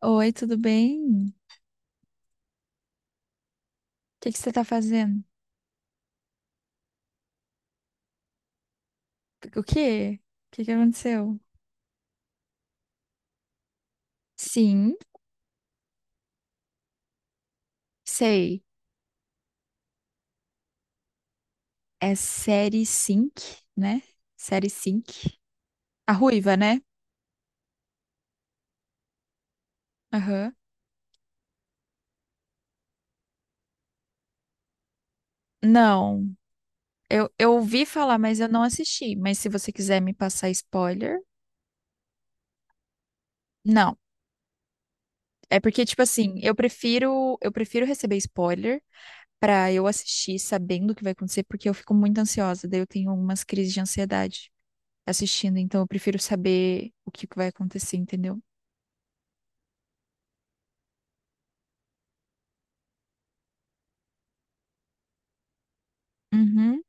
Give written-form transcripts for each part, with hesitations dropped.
Oi, tudo bem? O que que você tá fazendo? O quê? O que que aconteceu? Sim, sei. É série cinco, né? Série cinco. A ruiva, né? Aham. Não, eu ouvi falar, mas eu não assisti. Mas se você quiser me passar spoiler, não. É porque, tipo assim, eu prefiro receber spoiler pra eu assistir sabendo o que vai acontecer, porque eu fico muito ansiosa, daí eu tenho algumas crises de ansiedade. Assistindo, então eu prefiro saber o que que vai acontecer, entendeu? Uhum.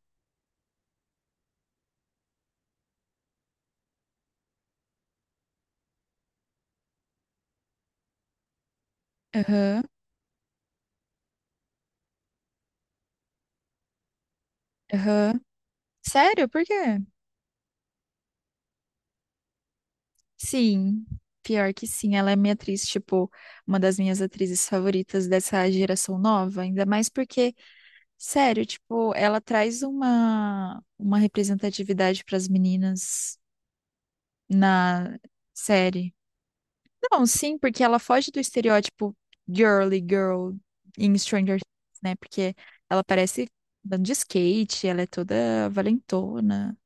Aham, aham. Sério? Por quê? Sim, pior que sim. Ela é minha atriz, tipo, uma das minhas atrizes favoritas dessa geração nova. Ainda mais porque, sério, tipo, ela traz uma representatividade para as meninas na série. Não, sim, porque ela foge do estereótipo girly girl em Stranger Things, né? Porque ela parece andando de skate, ela é toda valentona.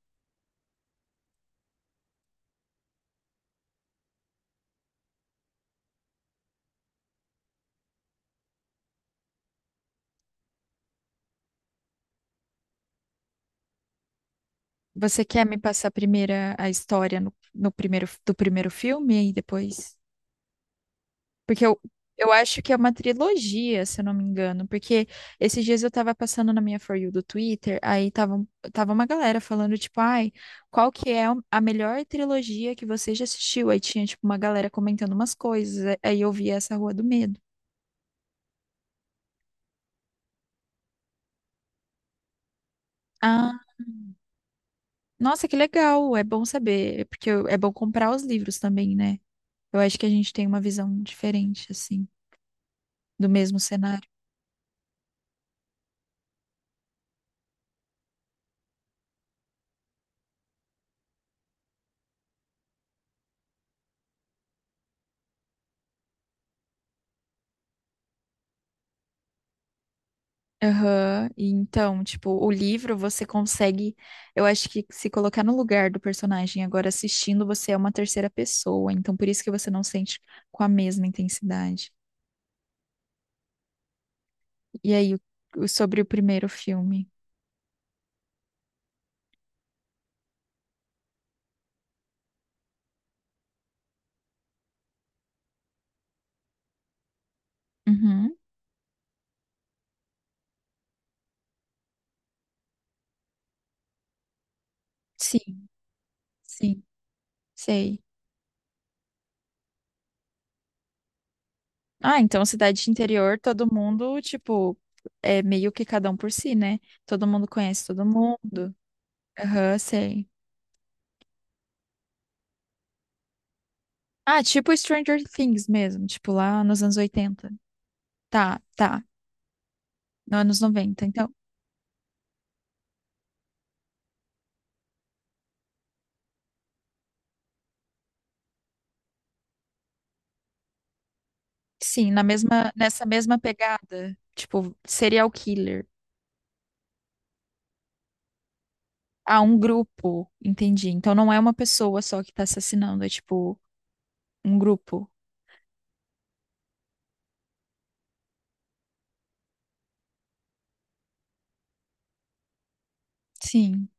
Você quer me passar primeiro a história no, no primeiro, do primeiro filme e depois? Porque eu acho que é uma trilogia, se eu não me engano. Porque esses dias eu tava passando na minha For You do Twitter, aí tava uma galera falando, tipo, ai, qual que é a melhor trilogia que você já assistiu? Aí tinha, tipo, uma galera comentando umas coisas. Aí eu vi essa Rua do Medo. Ah, nossa, que legal! É bom saber, porque eu- é bom comprar os livros também, né? Eu acho que a gente tem uma visão diferente, assim, do mesmo cenário. Aham. E então, tipo, o livro você consegue, eu acho que se colocar no lugar do personagem. Agora assistindo, você é uma terceira pessoa, então por isso que você não sente com a mesma intensidade. E aí, sobre o primeiro filme? Uhum. Sim, sim, sei. Ah, então cidade de interior, todo mundo, tipo, é meio que cada um por si, né? Todo mundo conhece todo mundo. Aham, sei. Ah, tipo Stranger Things mesmo, tipo lá nos anos oitenta. Tá, tá. No anos noventa. Então, sim, na mesma, nessa mesma pegada, tipo, serial killer. Ah, um grupo, entendi. Então não é uma pessoa só que tá assassinando, é tipo um grupo. Sim.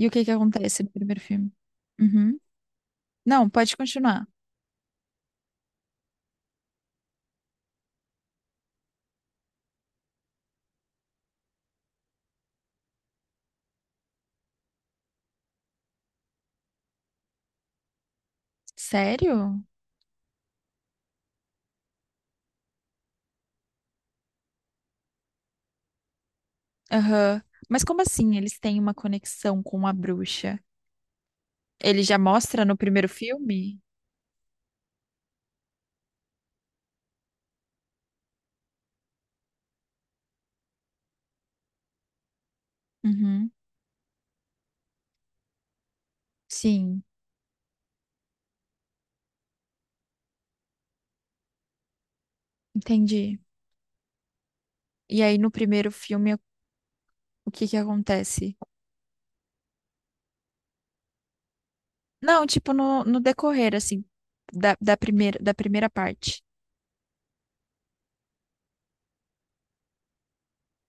E o que que acontece no primeiro filme? Uhum. Não, pode continuar. Sério? Aham. Mas como assim eles têm uma conexão com a bruxa? Ele já mostra no primeiro filme? Uhum. Sim, entendi. E aí no primeiro filme, o que que acontece? Não, tipo, no, no decorrer, assim, da primeira parte.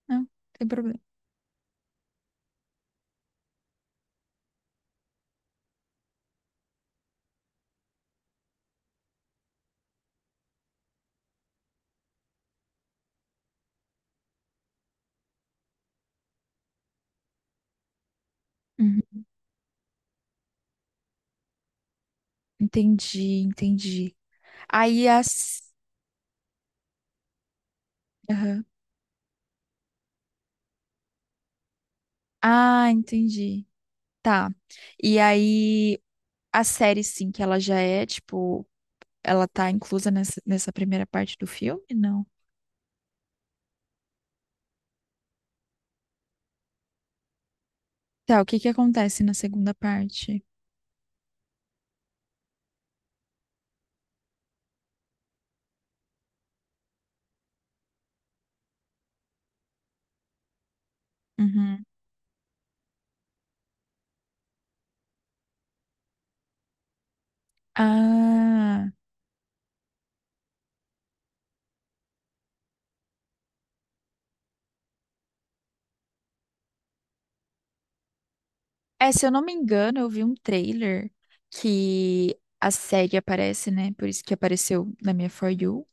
Não, não tem problema. Uhum. Entendi, entendi. Aí as. Aham. Ah, entendi. Tá. E aí a série, sim, que ela já é, tipo, ela tá inclusa nessa primeira parte do filme? Não. Tá, o que que acontece na segunda parte? Uhum. Ah. É, se eu não me engano, eu vi um trailer que a série aparece, né? Por isso que apareceu na minha For You,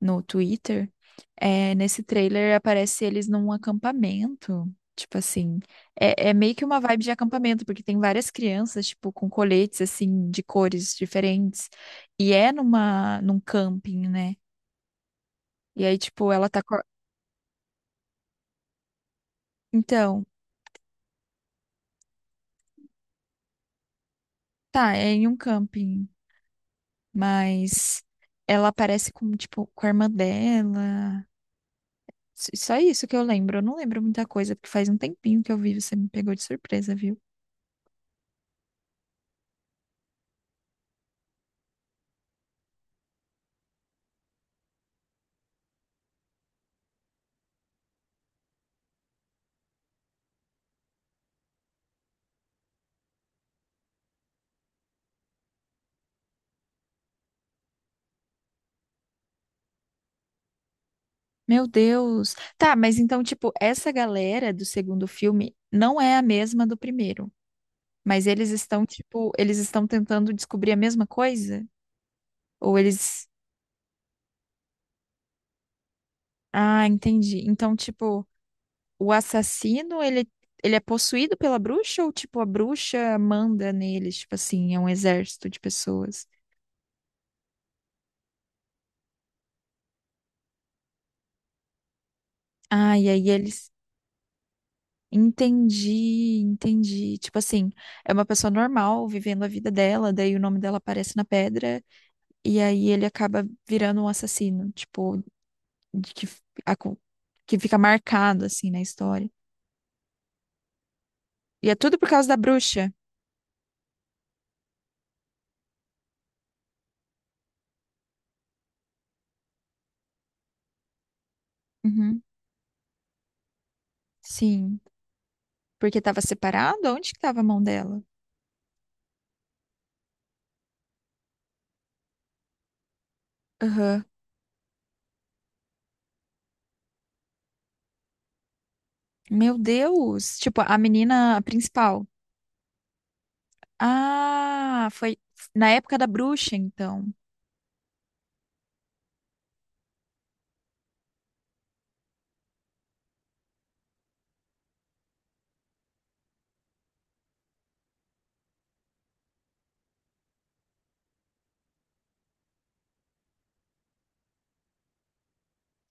no Twitter. É, nesse trailer aparece eles num acampamento. Tipo assim, é, meio que uma vibe de acampamento, porque tem várias crianças, tipo, com coletes, assim, de cores diferentes. E é numa, num camping, né? E aí, tipo, Então, tá, é em um camping, mas ela aparece com, tipo, com a irmã dela. Só isso que eu lembro. Eu não lembro muita coisa, porque faz um tempinho que eu vi, você me pegou de surpresa, viu? Meu Deus. Tá, mas então, tipo, essa galera do segundo filme não é a mesma do primeiro. Mas eles estão, tipo, eles estão tentando descobrir a mesma coisa? Ou eles. Ah, entendi. O assassino, ele é possuído pela bruxa ou, tipo, a bruxa manda neles? Tipo assim, é um exército de pessoas. Ah, e aí eles. Entendi, entendi. Tipo assim, é uma pessoa normal vivendo a vida dela, daí o nome dela aparece na pedra, e aí ele acaba virando um assassino, tipo, de que, f- a co- que fica marcado, assim, na história. E é tudo por causa da bruxa. Uhum, sim. Porque tava separado? Onde que tava a mão dela? Aham. Meu Deus! Tipo, a menina principal. Ah, foi na época da bruxa, então.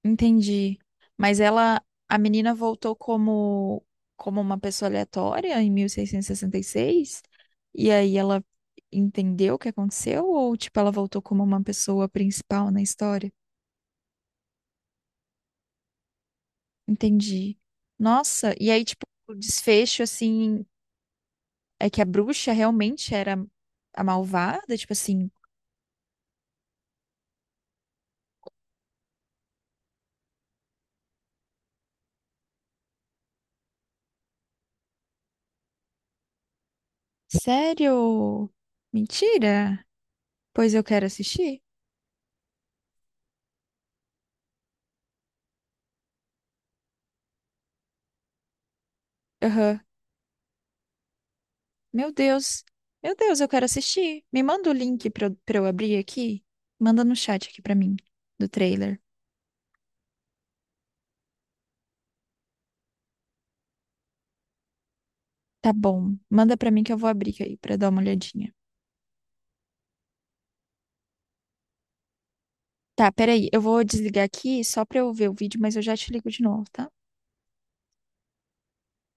Entendi. Mas ela, a menina voltou como uma pessoa aleatória em 1666? E sessenta e seis? E aí ela entendeu o que aconteceu ou tipo ela voltou como uma pessoa principal na história? Entendi. Nossa, e aí tipo o desfecho assim é que a bruxa realmente era a malvada, tipo assim. Sério? Mentira? Pois eu quero assistir? Aham. Meu Deus. Meu Deus, eu quero assistir. Me manda o link pra eu abrir aqui. Manda no chat aqui pra mim, do trailer. Tá bom. Manda pra mim que eu vou abrir aí pra dar uma olhadinha. Tá, peraí. Eu vou desligar aqui só pra eu ver o vídeo, mas eu já te ligo de novo, tá?